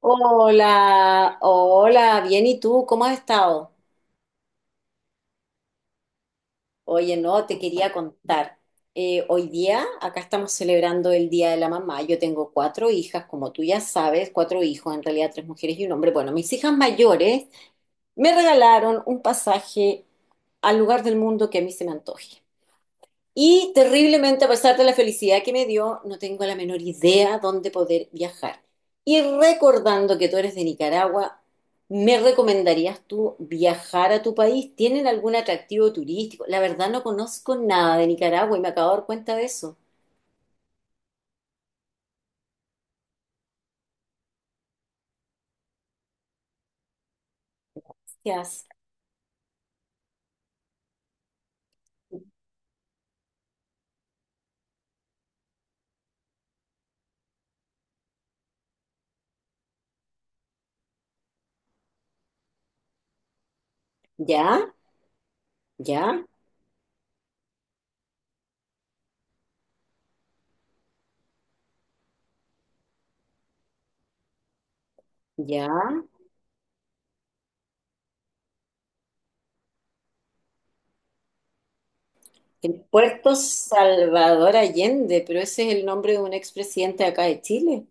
Hola, hola, bien, ¿y tú? ¿Cómo has estado? Oye, no, te quería contar. Hoy día acá estamos celebrando el Día de la Mamá. Yo tengo cuatro hijas, como tú ya sabes, cuatro hijos, en realidad tres mujeres y un hombre. Bueno, mis hijas mayores me regalaron un pasaje al lugar del mundo que a mí se me antoje. Y terriblemente, a pesar de la felicidad que me dio, no tengo la menor idea dónde poder viajar. Y recordando que tú eres de Nicaragua, ¿me recomendarías tú viajar a tu país? ¿Tienen algún atractivo turístico? La verdad no conozco nada de Nicaragua y me acabo de dar cuenta de eso. ¿Qué haces? Ya, ya, ya. El Puerto Salvador Allende, pero ese es el nombre de un expresidente acá de Chile.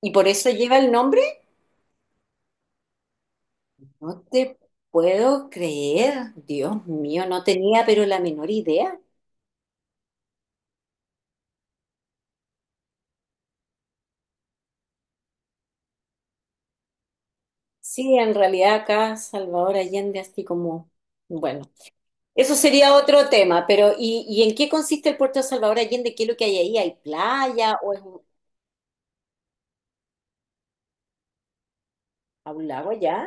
¿Y por eso lleva el nombre? No te puedo creer, Dios mío, no tenía pero la menor idea. Sí, en realidad acá Salvador Allende, así como, bueno, eso sería otro tema, pero ¿y en qué consiste el puerto de Salvador Allende? ¿Qué es lo que hay ahí? ¿Hay playa o es un, a un lago ya?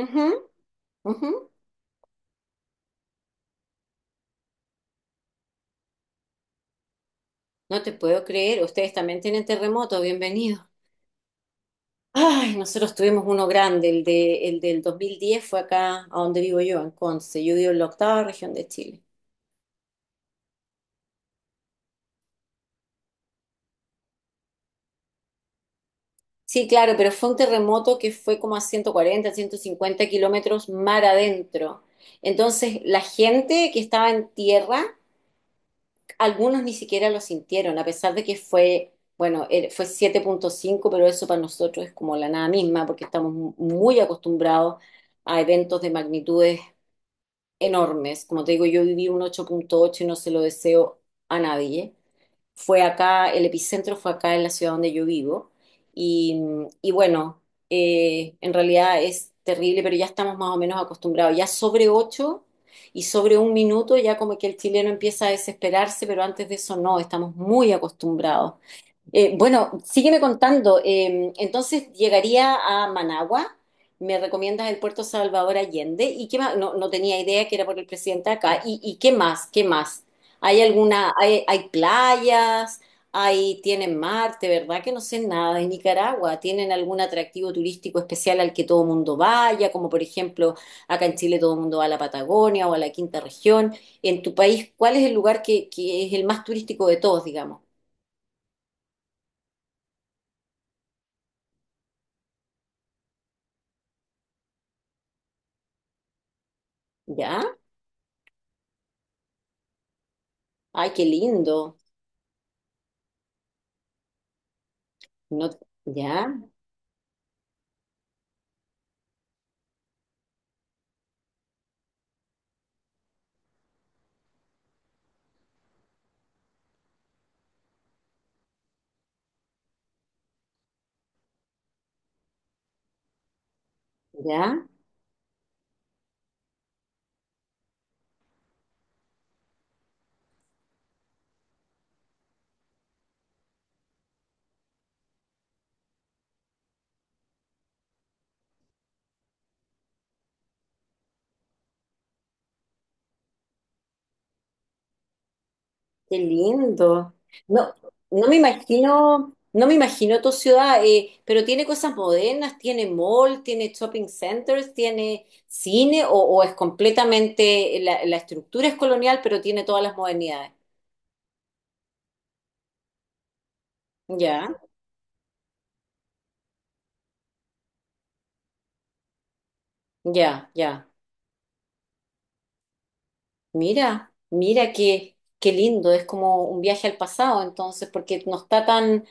Ujú, ujú. No te puedo creer, ustedes también tienen terremoto, bienvenido. Ay, nosotros tuvimos uno grande, el del 2010 fue acá, a donde vivo yo, en Conce. Yo vivo en la Octava Región de Chile. Sí, claro, pero fue un terremoto que fue como a 140, 150 kilómetros mar adentro. Entonces, la gente que estaba en tierra, algunos ni siquiera lo sintieron, a pesar de que fue, bueno, fue 7.5, pero eso para nosotros es como la nada misma, porque estamos muy acostumbrados a eventos de magnitudes enormes. Como te digo, yo viví un 8.8 y no se lo deseo a nadie. Fue acá, el epicentro fue acá en la ciudad donde yo vivo. Y, y bueno, en realidad es terrible, pero ya estamos más o menos acostumbrados. Ya sobre ocho y sobre un minuto ya como que el chileno empieza a desesperarse, pero antes de eso no, estamos muy acostumbrados. Bueno, sígueme contando. Entonces llegaría a Managua. Me recomiendas el puerto Salvador Allende. ¿Y qué más? No, no tenía idea que era por el presidente acá. ¿Y qué más? ¿Qué más? ¿Hay alguna, hay playas? Tienen mar? De verdad que no sé nada de Nicaragua. ¿Tienen algún atractivo turístico especial al que todo el mundo vaya? Como por ejemplo, acá en Chile todo el mundo va a la Patagonia o a la Quinta Región. En tu país, ¿cuál es el lugar que es el más turístico de todos, digamos? ¿Ya? Ay, qué lindo. No, ya, ya, qué lindo. No, no me imagino, no me imagino tu ciudad, pero tiene cosas modernas, tiene mall, tiene shopping centers, tiene cine, o es completamente, la estructura es colonial, pero tiene todas las modernidades. Ya, ya, ya. Mira, mira qué lindo. Es como un viaje al pasado, entonces, porque no está tan.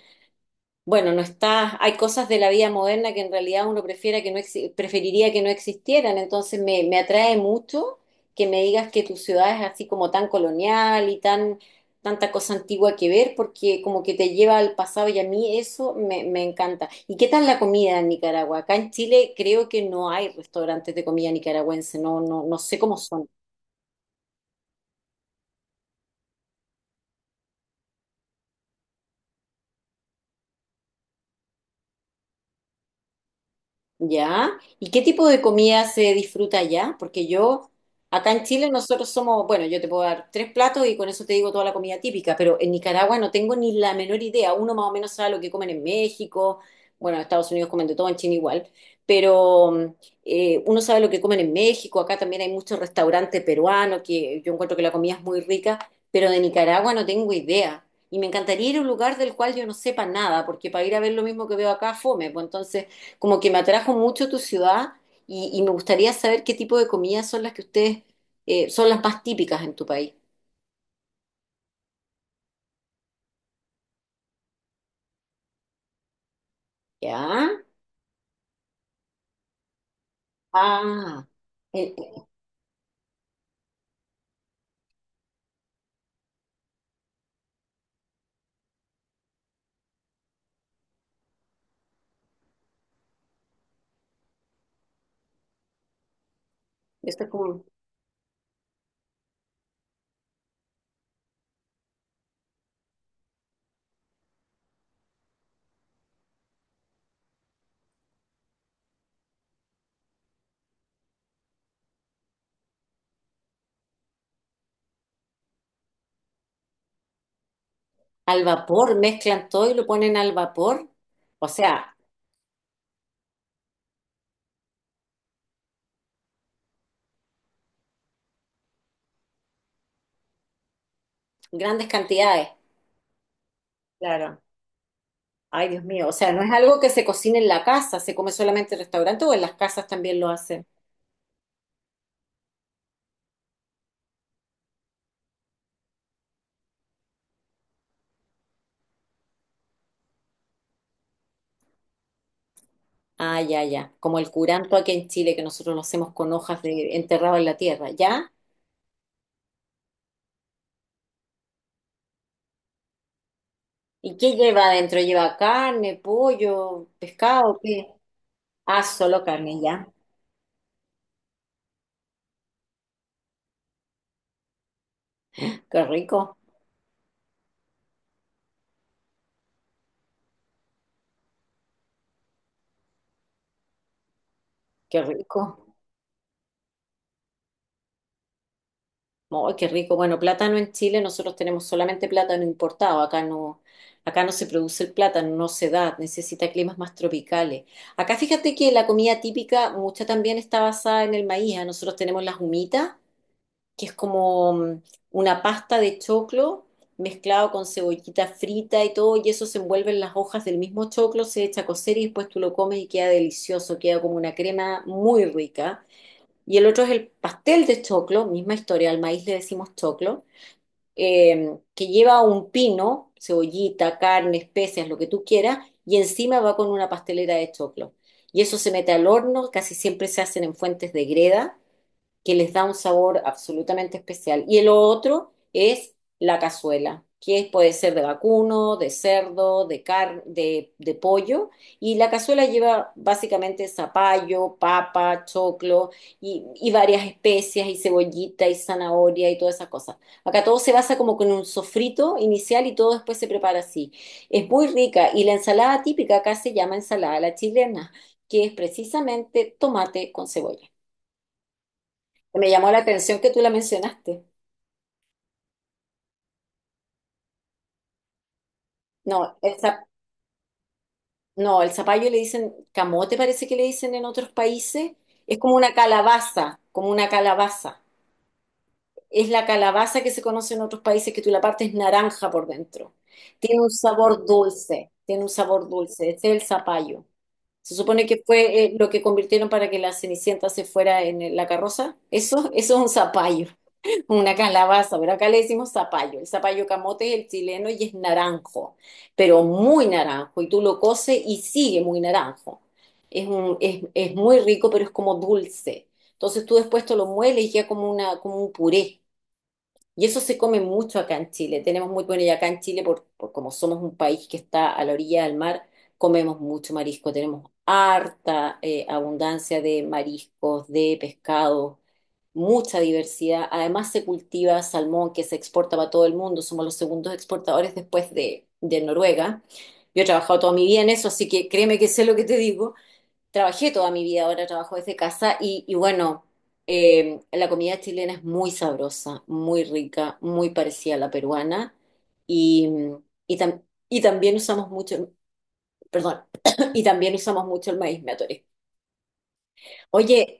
Bueno, no está, hay cosas de la vida moderna que en realidad uno prefiera que no preferiría que no existieran, entonces me atrae mucho que me digas que tu ciudad es así como tan colonial y tanta cosa antigua que ver, porque como que te lleva al pasado y a mí eso me encanta. ¿Y qué tal la comida en Nicaragua? Acá en Chile creo que no hay restaurantes de comida nicaragüense, no, no, no sé cómo son. ¿Ya? ¿Y qué tipo de comida se disfruta allá? Porque yo, acá en Chile nosotros somos, bueno, yo te puedo dar tres platos y con eso te digo toda la comida típica, pero en Nicaragua no tengo ni la menor idea. Uno más o menos sabe lo que comen en México, bueno, en Estados Unidos comen de todo, en China igual, pero uno sabe lo que comen en México, acá también hay muchos restaurantes peruanos que yo encuentro que la comida es muy rica, pero de Nicaragua no tengo idea. Y me encantaría ir a un lugar del cual yo no sepa nada, porque para ir a ver lo mismo que veo acá, fome, pues entonces... Como que me atrajo mucho tu ciudad y me gustaría saber qué tipo de comidas son las que ustedes, son las más típicas en tu país. ¿Ya? Ah, el- esto es como al vapor, mezclan todo y lo ponen al vapor. O sea, grandes cantidades. Claro. Ay, Dios mío. O sea, no es algo que se cocine en la casa, se come solamente en restaurante o en las casas también lo hacen. Ah, ya, ya. Como el curanto aquí en Chile que nosotros lo hacemos con hojas de enterrado en la tierra, ¿ya? ¿Y qué lleva adentro? ¿Lleva carne, pollo, pescado? ¿Qué? Ah, solo carne ya. Qué rico, qué rico. Oh, qué rico. Bueno, plátano en Chile, nosotros tenemos solamente plátano importado. Acá no se produce el plátano, no se da, necesita climas más tropicales. Acá fíjate que la comida típica, mucha también está basada en el maíz. Ah, nosotros tenemos las humitas, que es como una pasta de choclo mezclado con cebollita frita y todo, y eso se envuelve en las hojas del mismo choclo, se echa a cocer y después tú lo comes y queda delicioso, queda como una crema muy rica. Y el otro es el pastel de choclo, misma historia, al maíz le decimos choclo, que lleva un pino, cebollita, carne, especias, lo que tú quieras, y encima va con una pastelera de choclo. Y eso se mete al horno, casi siempre se hacen en fuentes de greda que les da un sabor absolutamente especial. Y el otro es la cazuela, que puede ser de vacuno, de cerdo, de pollo. Y la cazuela lleva básicamente zapallo, papa, choclo y varias especias y cebollita y zanahoria y todas esas cosas. Acá todo se basa como con un sofrito inicial y todo después se prepara así. Es muy rica y la ensalada típica acá se llama ensalada a la chilena, que es precisamente tomate con cebolla. Me llamó la atención que tú la mencionaste. No, no, el zapallo le dicen camote, parece que le dicen en otros países. Es como una calabaza, como una calabaza. Es la calabaza que se conoce en otros países, que tú la partes naranja por dentro. Tiene un sabor dulce, tiene un sabor dulce. Este es el zapallo. Se supone que fue lo que convirtieron para que la Cenicienta se fuera en la carroza. Eso es un zapallo. Una calabaza, pero acá le decimos zapallo. El zapallo camote es el chileno y es naranjo, pero muy naranjo. Y tú lo coces y sigue muy naranjo. Es muy rico, pero es como dulce. Entonces tú después te lo mueles y ya como un puré. Y eso se come mucho acá en Chile. Tenemos muy, bueno, y acá en Chile, por como somos un país que está a la orilla del mar, comemos mucho marisco. Tenemos harta abundancia de mariscos, de pescado, mucha diversidad. Además, se cultiva salmón que se exporta para todo el mundo. Somos los segundos exportadores después de Noruega. Yo he trabajado toda mi vida en eso, así que créeme que sé lo que te digo. Trabajé toda mi vida, ahora trabajo desde casa y, bueno, la comida chilena es muy sabrosa, muy rica, muy parecida a la peruana y, y, tam- y también usamos mucho, perdón, y también usamos mucho el maíz, me atoré. Oye,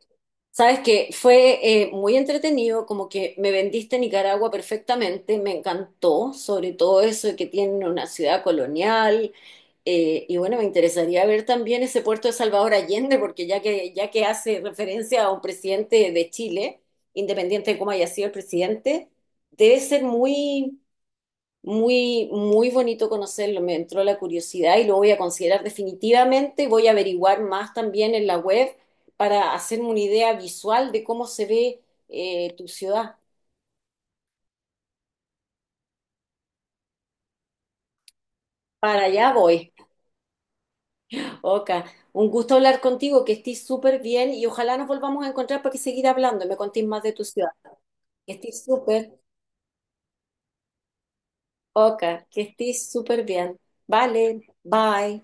sabes que fue muy entretenido, como que me vendiste Nicaragua perfectamente, me encantó, sobre todo eso de que tiene una ciudad colonial. Y bueno, me interesaría ver también ese puerto de Salvador Allende, porque ya que hace referencia a un presidente de Chile, independiente de cómo haya sido el presidente, debe ser muy, muy, muy bonito conocerlo, me entró la curiosidad y lo voy a considerar definitivamente. Voy a averiguar más también en la web para hacerme una idea visual de cómo se ve tu ciudad. Para allá voy. Oka, un gusto hablar contigo, que estés súper bien y ojalá nos volvamos a encontrar para que seguir hablando y me contéis más de tu ciudad. Que estés súper. Oka, que estés súper bien. Vale, bye.